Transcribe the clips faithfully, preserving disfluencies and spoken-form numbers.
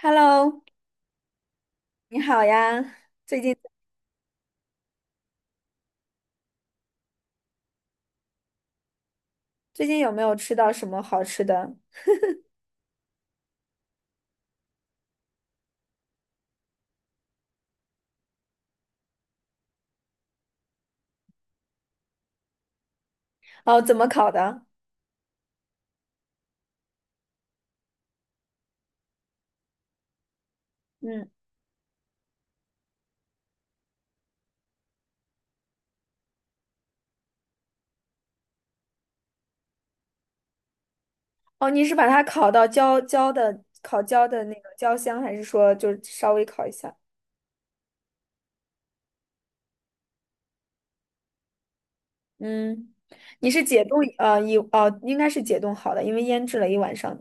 Hello，你好呀，最近最近有没有吃到什么好吃的？哦，怎么烤的？嗯，哦，你是把它烤到焦焦的，烤焦的那个焦香，还是说就是稍微烤一下？嗯，你是解冻，呃，一，哦，应该是解冻好的，因为腌制了一晚上。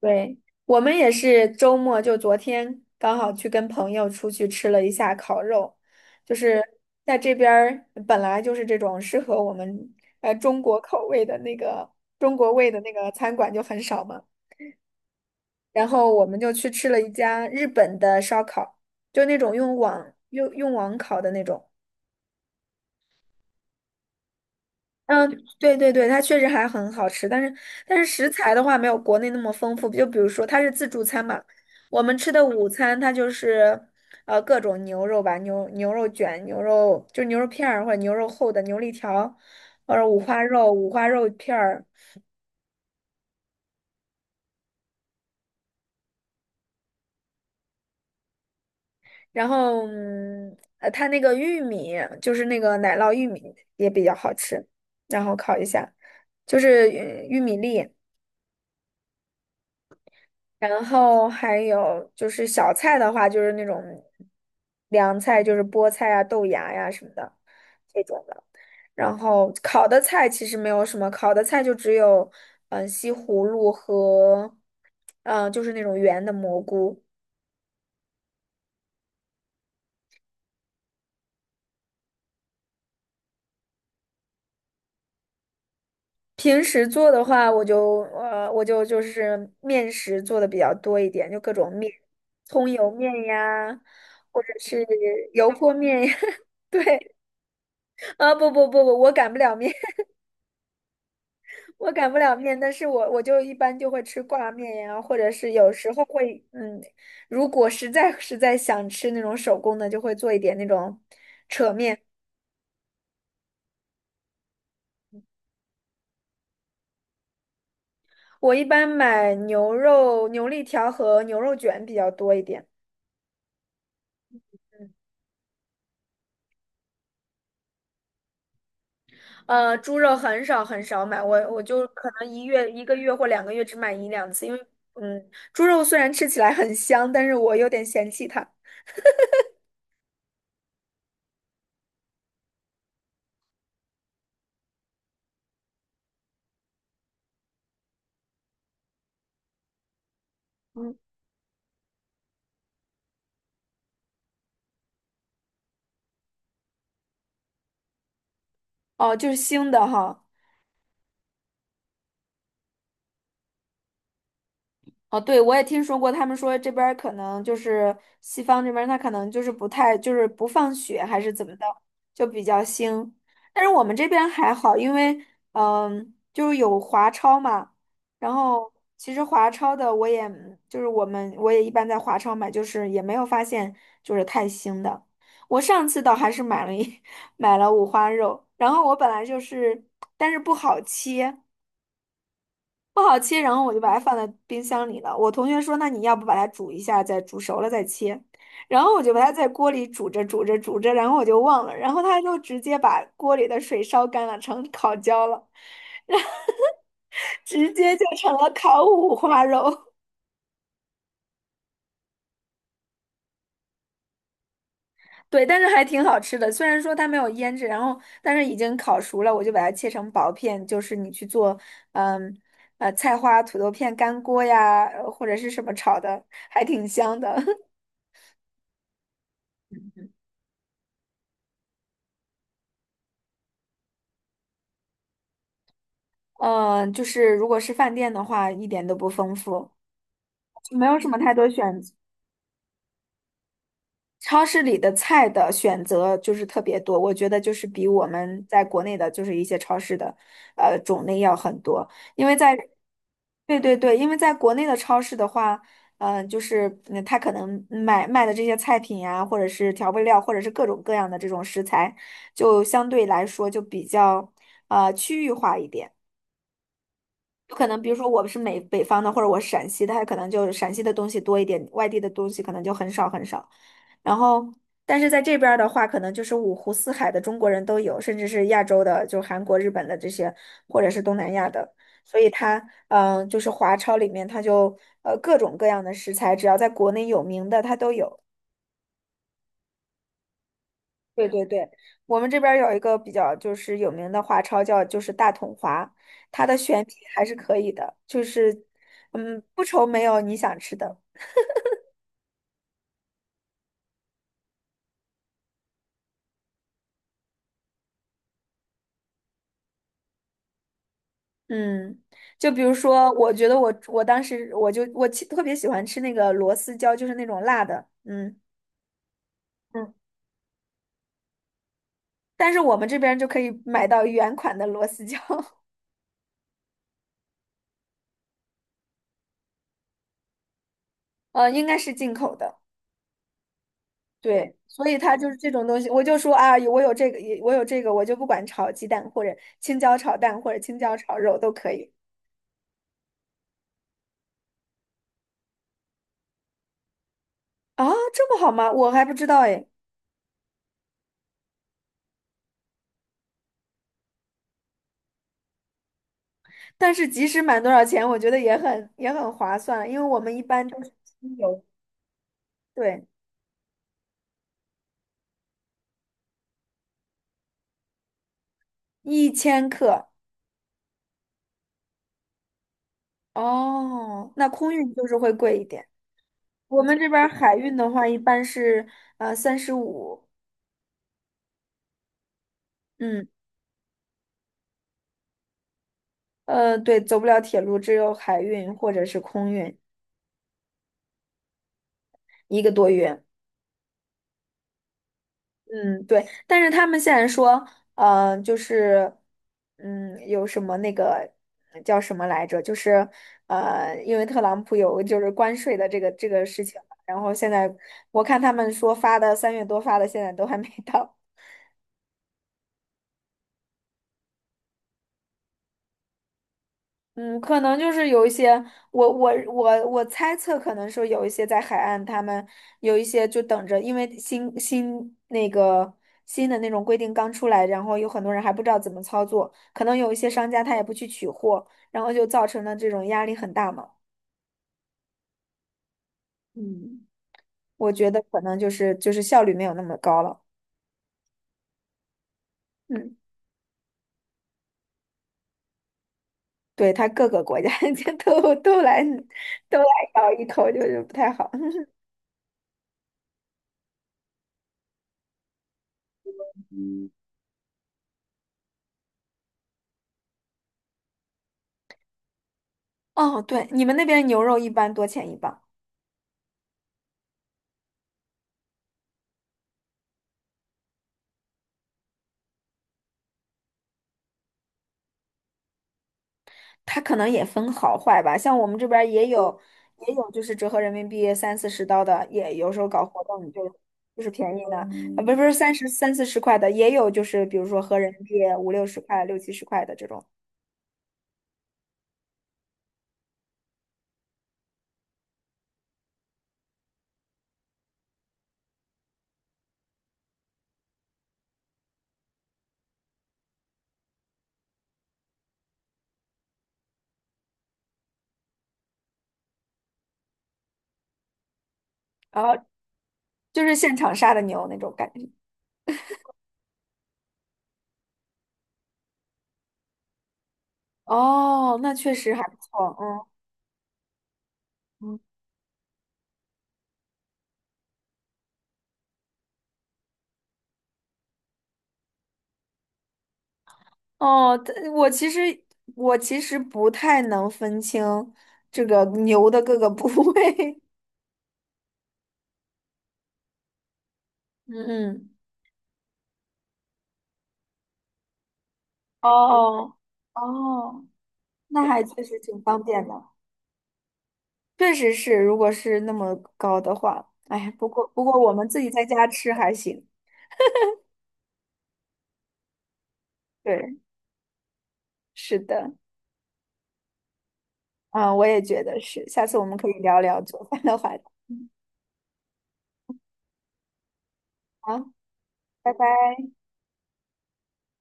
对，我们也是周末，就昨天刚好去跟朋友出去吃了一下烤肉，就是在这边儿本来就是这种适合我们呃中国口味的那个中国味的那个餐馆就很少嘛，然后我们就去吃了一家日本的烧烤，就那种用网用用网烤的那种。嗯，对对对，它确实还很好吃，但是但是食材的话没有国内那么丰富。就比如说它是自助餐嘛，我们吃的午餐它就是呃各种牛肉吧，牛牛肉卷、牛肉就牛肉片儿或者牛肉厚的牛肋条，或者五花肉、五花肉片儿，然后嗯呃它那个玉米就是那个奶酪玉米也比较好吃，然后烤一下，就是玉玉米粒。然后还有就是小菜的话，就是那种凉菜，就是菠菜啊、豆芽呀、什么的这种的。然后烤的菜其实没有什么，烤的菜就只有嗯西葫芦和嗯就是那种圆的蘑菇。平时做的话，我就呃我就就是面食做的比较多一点，就各种面，葱油面呀，或者是油泼面呀。对，啊不不不不，我擀不了面。我擀不了面，但是我我就一般就会吃挂面呀，或者是有时候会，嗯，如果实在实在想吃那种手工的，就会做一点那种扯面。我一般买牛肉、牛肋条和牛肉卷比较多一点，呃，猪肉很少很少买，我我就可能一月一个月或两个月只买一两次，因为嗯，猪肉虽然吃起来很香，但是我有点嫌弃它。嗯，哦，就是腥的哈。哦，对，我也听说过，他们说这边儿可能就是西方这边，他可能就是不太就是不放血还是怎么的，就比较腥。但是我们这边还好，因为嗯，就是有华超嘛，然后其实华超的我也就是我们我也一般在华超买，就是也没有发现就是太腥的。我上次倒还是买了一 买了五花肉，然后我本来就是，但是不好切。不好切，然后我就把它放在冰箱里了。我同学说，那你要不把它煮一下，再煮熟了再切。然后我就把它在锅里煮着煮着煮着，然后我就忘了，然后他就直接把锅里的水烧干了，成烤焦了，然后 直接就成了烤五花肉。对，但是还挺好吃的。虽然说它没有腌制，然后但是已经烤熟了，我就把它切成薄片，就是你去做，嗯，呃，菜花、土豆片干锅呀，呃或者是什么炒的，还挺香的。嗯，就是如果是饭店的话，一点都不丰富，就没有什么太多选择。超市里的菜的选择就是特别多，我觉得就是比我们在国内的，就是一些超市的，呃，种类要很多。因为在，对对对，因为在国内的超市的话，嗯、就是嗯，他可能买卖的这些菜品呀、或者是调味料，或者是各种各样的这种食材，就相对来说就比较，呃，区域化一点。有可能，比如说我是美北方的，或者我是陕西的，他可能就陕西的东西多一点，外地的东西可能就很少很少。然后，但是在这边儿的话，可能就是五湖四海的中国人都有，甚至是亚洲的，就韩国、日本的这些，或者是东南亚的。所以它，嗯、就是华超里面，它就呃各种各样的食材，只要在国内有名的，它都有。对对对，我们这边儿有一个比较就是有名的华超叫就是大统华，它的选品还是可以的，就是嗯不愁没有你想吃的。嗯，就比如说，我觉得我我当时我就我其特别喜欢吃那个螺丝椒，就是那种辣的。嗯嗯，但是我们这边就可以买到原款的螺丝椒，呃，应该是进口的。对，所以它就是这种东西，我就说啊，我有这个，我有这个，我就不管炒鸡蛋或者青椒炒蛋或者青椒炒肉都可以。啊，这么好吗？我还不知道哎，但是即使满多少钱，我觉得也很也很划算，因为我们一般都是精油，对，一千克。哦，那空运就是会贵一点，我们这边儿海运的话一般是呃三十五三十五嗯。呃对，走不了铁路，只有海运或者是空运，一个多月。嗯，对，但是他们现在说，呃，就是，嗯，有什么那个叫什么来着？就是，呃，因为特朗普有就是关税的这个这个事情嘛，然后现在我看他们说发的三月多发的，现在都还没到。嗯，可能就是有一些，我我我我猜测，可能说有一些在海岸，他们有一些就等着，因为新新那个新的那种规定刚出来，然后有很多人还不知道怎么操作，可能有一些商家他也不去取货，然后就造成了这种压力很大嘛。嗯，我觉得可能就是就是效率没有那么高了。嗯，对，他各个国家 都都来都来咬一口，就是不太好。哦，对，你们那边牛肉一般多钱一磅？它可能也分好坏吧，像我们这边儿也有，也有就是折合人民币三四十刀的，也有时候搞活动就就是便宜的，啊，不是不是三十三四十块的，也有就是比如说合人民币五六十块、六七十块的这种，然后就是现场杀的牛那种感觉。哦，那确实还不错，嗯嗯。哦，但我其实我其实不太能分清这个牛的各个部位，嗯嗯，哦哦。那还确实挺方便的，确实是，如果是那么高的话，哎，不过不过我们自己在家吃还行。对，是的，嗯，我也觉得是，下次我们可以聊聊做饭的话题。嗯，好，拜拜。